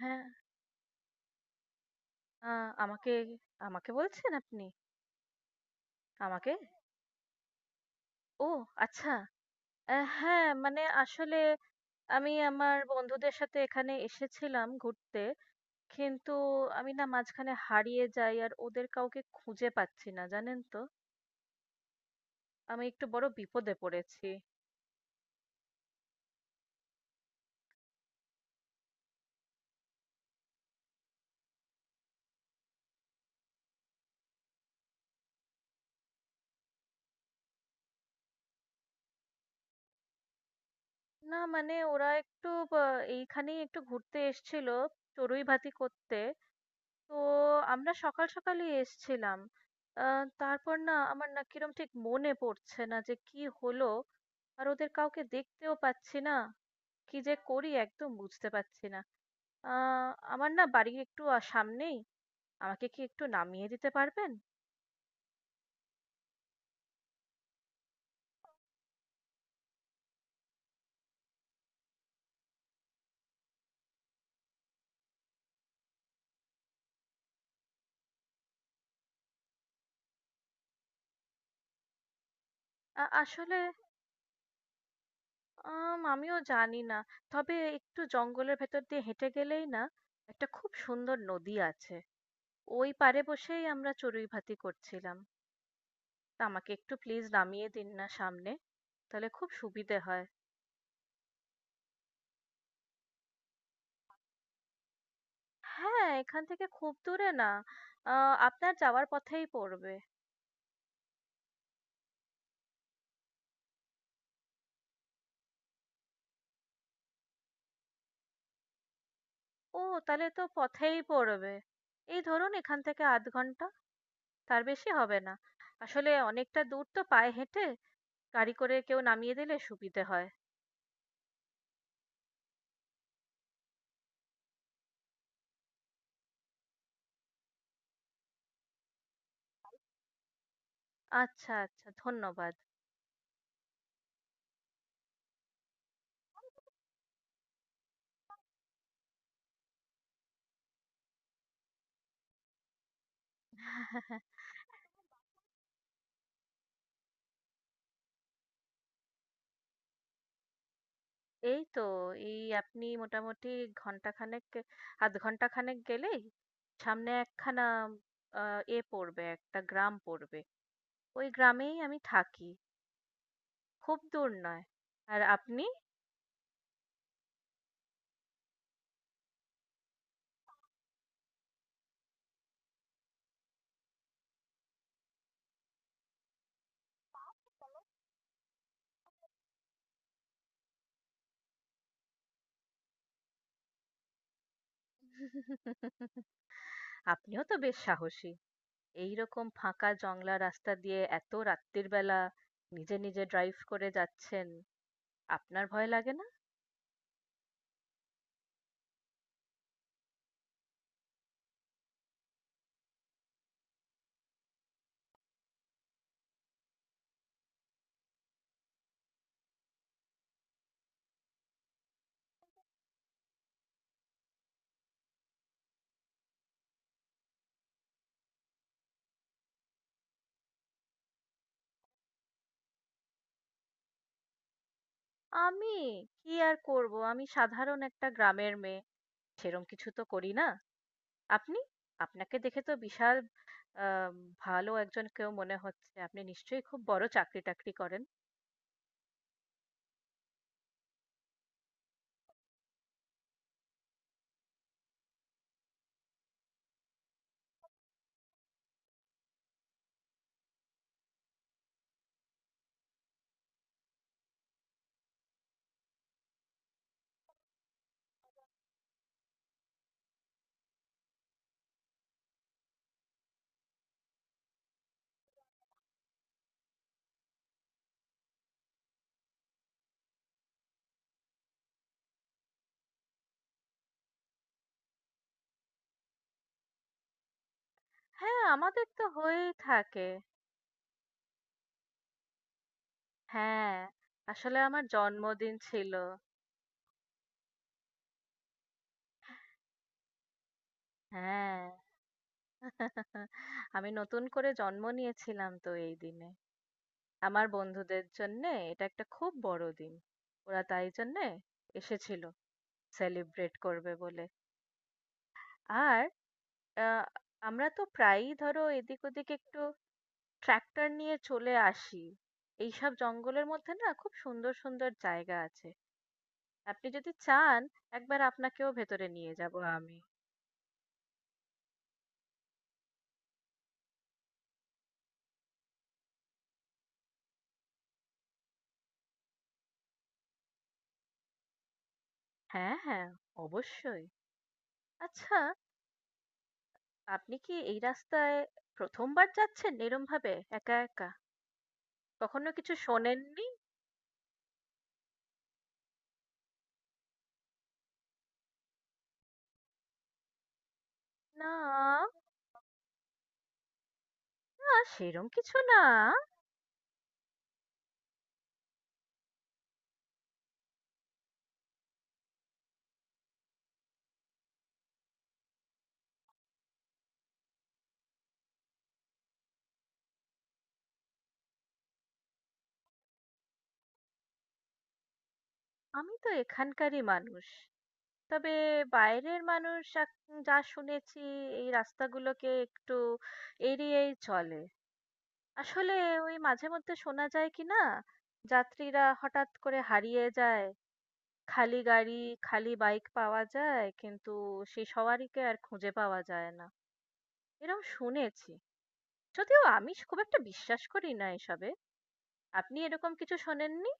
হ্যাঁ, আ আমাকে আমাকে বলছেন আপনি? আমাকে? ও আচ্ছা। হ্যাঁ, মানে আসলে আমি আমার বন্ধুদের সাথে এখানে এসেছিলাম ঘুরতে। কিন্তু আমি না মাঝখানে হারিয়ে যাই আর ওদের কাউকে খুঁজে পাচ্ছি না, জানেন তো? আমি একটু বড় বিপদে পড়েছি। না মানে ওরা একটু ব এইখানেই একটু ঘুরতে এসেছিল চড়ুইভাতি করতে। তো আমরা সকাল সকালই এসছিলাম। আ তারপর না আমার না কিরম ঠিক মনে পড়ছে না যে কি হলো? আর ওদের কাউকে দেখতেও পাচ্ছি না। কি যে করি একদম বুঝতে পারছি না। আ আমার না বাড়ি একটু সামনেই। আমাকে কি একটু নামিয়ে দিতে পারবেন? আসলে আমিও জানি না। তবে একটু জঙ্গলের ভেতর দিয়ে হেঁটে গেলেই না একটা খুব সুন্দর নদী আছে। ওই পাড়ে বসেই আমরা চড়ুইভাতি করছিলাম। তা আমাকে একটু প্লিজ নামিয়ে দিন না সামনে, তাহলে খুব সুবিধে হয়। হ্যাঁ, এখান থেকে খুব দূরে না। আপনার যাওয়ার পথেই পড়বে। ও তাহলে তো পথেই পড়বে। এই ধরুন এখান থেকে আধ ঘন্টা, তার বেশি হবে না। আসলে অনেকটা দূর তো পায়ে হেঁটে, গাড়ি করে কেউ নামিয়ে দিলে সুবিধে হয়। আচ্ছা আচ্ছা, ধন্যবাদ। এই তো, এই আপনি মোটামুটি ঘন্টাখানেক, ১/২ ঘন্টা খানেক গেলেই সামনে একখানা আ পড়বে, একটা গ্রাম পড়বে। ওই গ্রামেই আমি থাকি। খুব দূর নয়। আর আপনি? আপনিও তো বেশ সাহসী। এইরকম ফাঁকা জংলা রাস্তা দিয়ে এত রাত্তির বেলা নিজে ড্রাইভ করে যাচ্ছেন। আপনার ভয় লাগে না? আমি! কি আর করব? আমি সাধারণ একটা গ্রামের মেয়ে। সেরম কিছু তো করি না। আপনি? আপনাকে দেখে তো বিশাল আ ভালো একজন কেউ মনে হচ্ছে। আপনি নিশ্চয়ই খুব বড় চাকরি-টাকরি করেন? হ্যাঁ, আমাদের তো হয়েই থাকে। হ্যাঁ, আসলে আমার জন্মদিন ছিল। হ্যাঁ, আমি নতুন করে জন্ম নিয়েছিলাম তো এই দিনে। আমার বন্ধুদের জন্যে এটা একটা খুব বড় দিন। ওরা তাই জন্যে এসেছিল সেলিব্রেট করবে বলে। আর আ আমরা তো প্রায়ই ধরো এদিক ওদিক একটু ট্রাক্টর নিয়ে চলে আসি। এইসব জঙ্গলের মধ্যে না খুব সুন্দর সুন্দর জায়গা আছে। আপনি যদি চান একবার আপনাকেও ভেতরে নিয়ে যাব আমি। হ্যাঁ হ্যাঁ, অবশ্যই। আচ্ছা, আপনি কি এই রাস্তায় প্রথমবার যাচ্ছেন এরম ভাবে একা একা? কখনো কিছু শোনেননি? না, না সেরম কিছু না। আমি তো এখানকারই মানুষ। তবে বাইরের মানুষ যা শুনেছি এই রাস্তাগুলোকে একটু এড়িয়েই চলে। আসলে ওই মাঝে মধ্যে শোনা যায় কি না, যাত্রীরা হঠাৎ করে হারিয়ে যায়। খালি গাড়ি, খালি বাইক পাওয়া যায়, কিন্তু সেই সওয়ারিকে আর খুঁজে পাওয়া যায় না। এরম শুনেছি। যদিও আমি খুব একটা বিশ্বাস করি না এসবে। আপনি এরকম কিছু শোনেননি?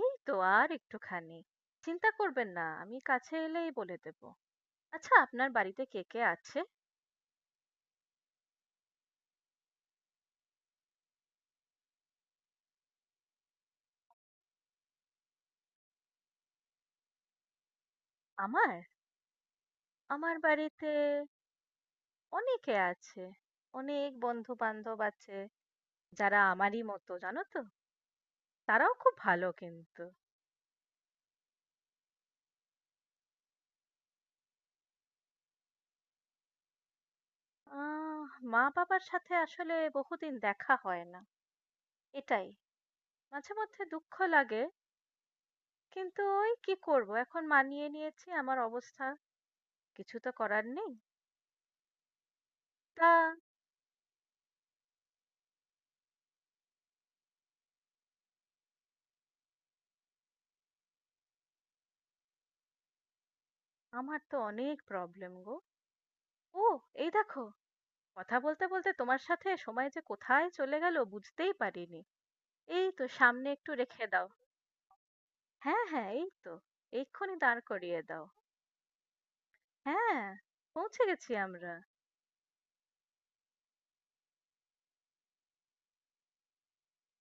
এই তো আর একটুখানি। চিন্তা করবেন না, আমি কাছে এলেই বলে দেব। আচ্ছা, আপনার বাড়িতে কে কে আছে? আমার? আমার বাড়িতে অনেকে আছে। অনেক বন্ধু বান্ধব আছে। যারা আমারই মতো, জানো তো, তারাও খুব ভালো কিন্তু। আহ মা বাবার সাথে আসলে বহুদিন দেখা হয় না, এটাই মাঝে মধ্যে দুঃখ লাগে। কিন্তু ওই কি করব, এখন মানিয়ে নিয়েছি আমার অবস্থা, কিছু তো করার নেই। তা আমার তো অনেক প্রবলেম গো। ও এই দেখো, কথা বলতে বলতে তোমার সাথে সময় যে কোথায় চলে গেল বুঝতেই পারিনি। এই তো সামনে একটু রেখে দাও। হ্যাঁ হ্যাঁ এই তো, এক্ষুনি দাঁড় করিয়ে দাও। হ্যাঁ, পৌঁছে গেছি আমরা।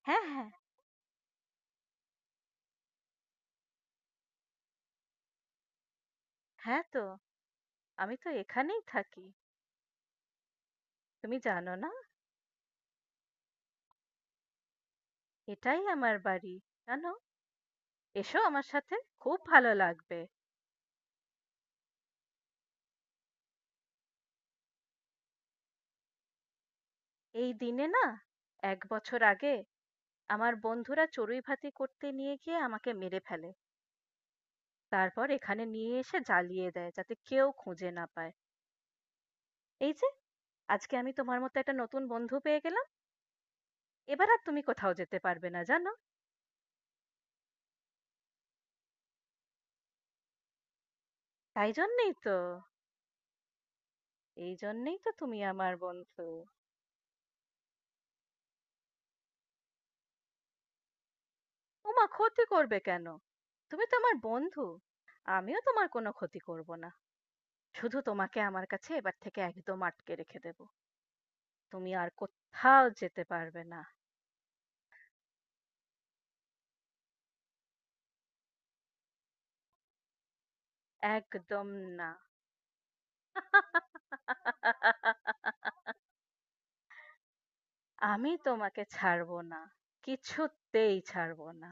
হ্যাঁ হ্যাঁ। হ্যাঁ তো, আমি তো এখানেই থাকি। তুমি জানো না, এটাই আমার বাড়ি, জানো। এসো আমার সাথে, খুব ভালো লাগবে। এই দিনে না, এক বছর আগে আমার বন্ধুরা চড়ুই ভাতি করতে নিয়ে গিয়ে আমাকে মেরে ফেলে। তারপর এখানে নিয়ে এসে জ্বালিয়ে দেয় যাতে কেউ খুঁজে না পায়। এই যে আজকে আমি তোমার মতো একটা নতুন বন্ধু পেয়ে গেলাম। এবার আর তুমি কোথাও যেতে পারবে না, জানো। তাই জন্যেই তো। এই জন্যেই তো তুমি আমার বন্ধু। ওমা, ক্ষতি করবে কেন? তুমি তো আমার বন্ধু। আমিও তোমার কোনো ক্ষতি করব না। শুধু তোমাকে আমার কাছে এবার থেকে একদম আটকে রেখে দেব। তুমি আর কোথাও যেতে পারবে না। একদম না। আমি তোমাকে ছাড়বো না, কিছুতেই ছাড়বো না।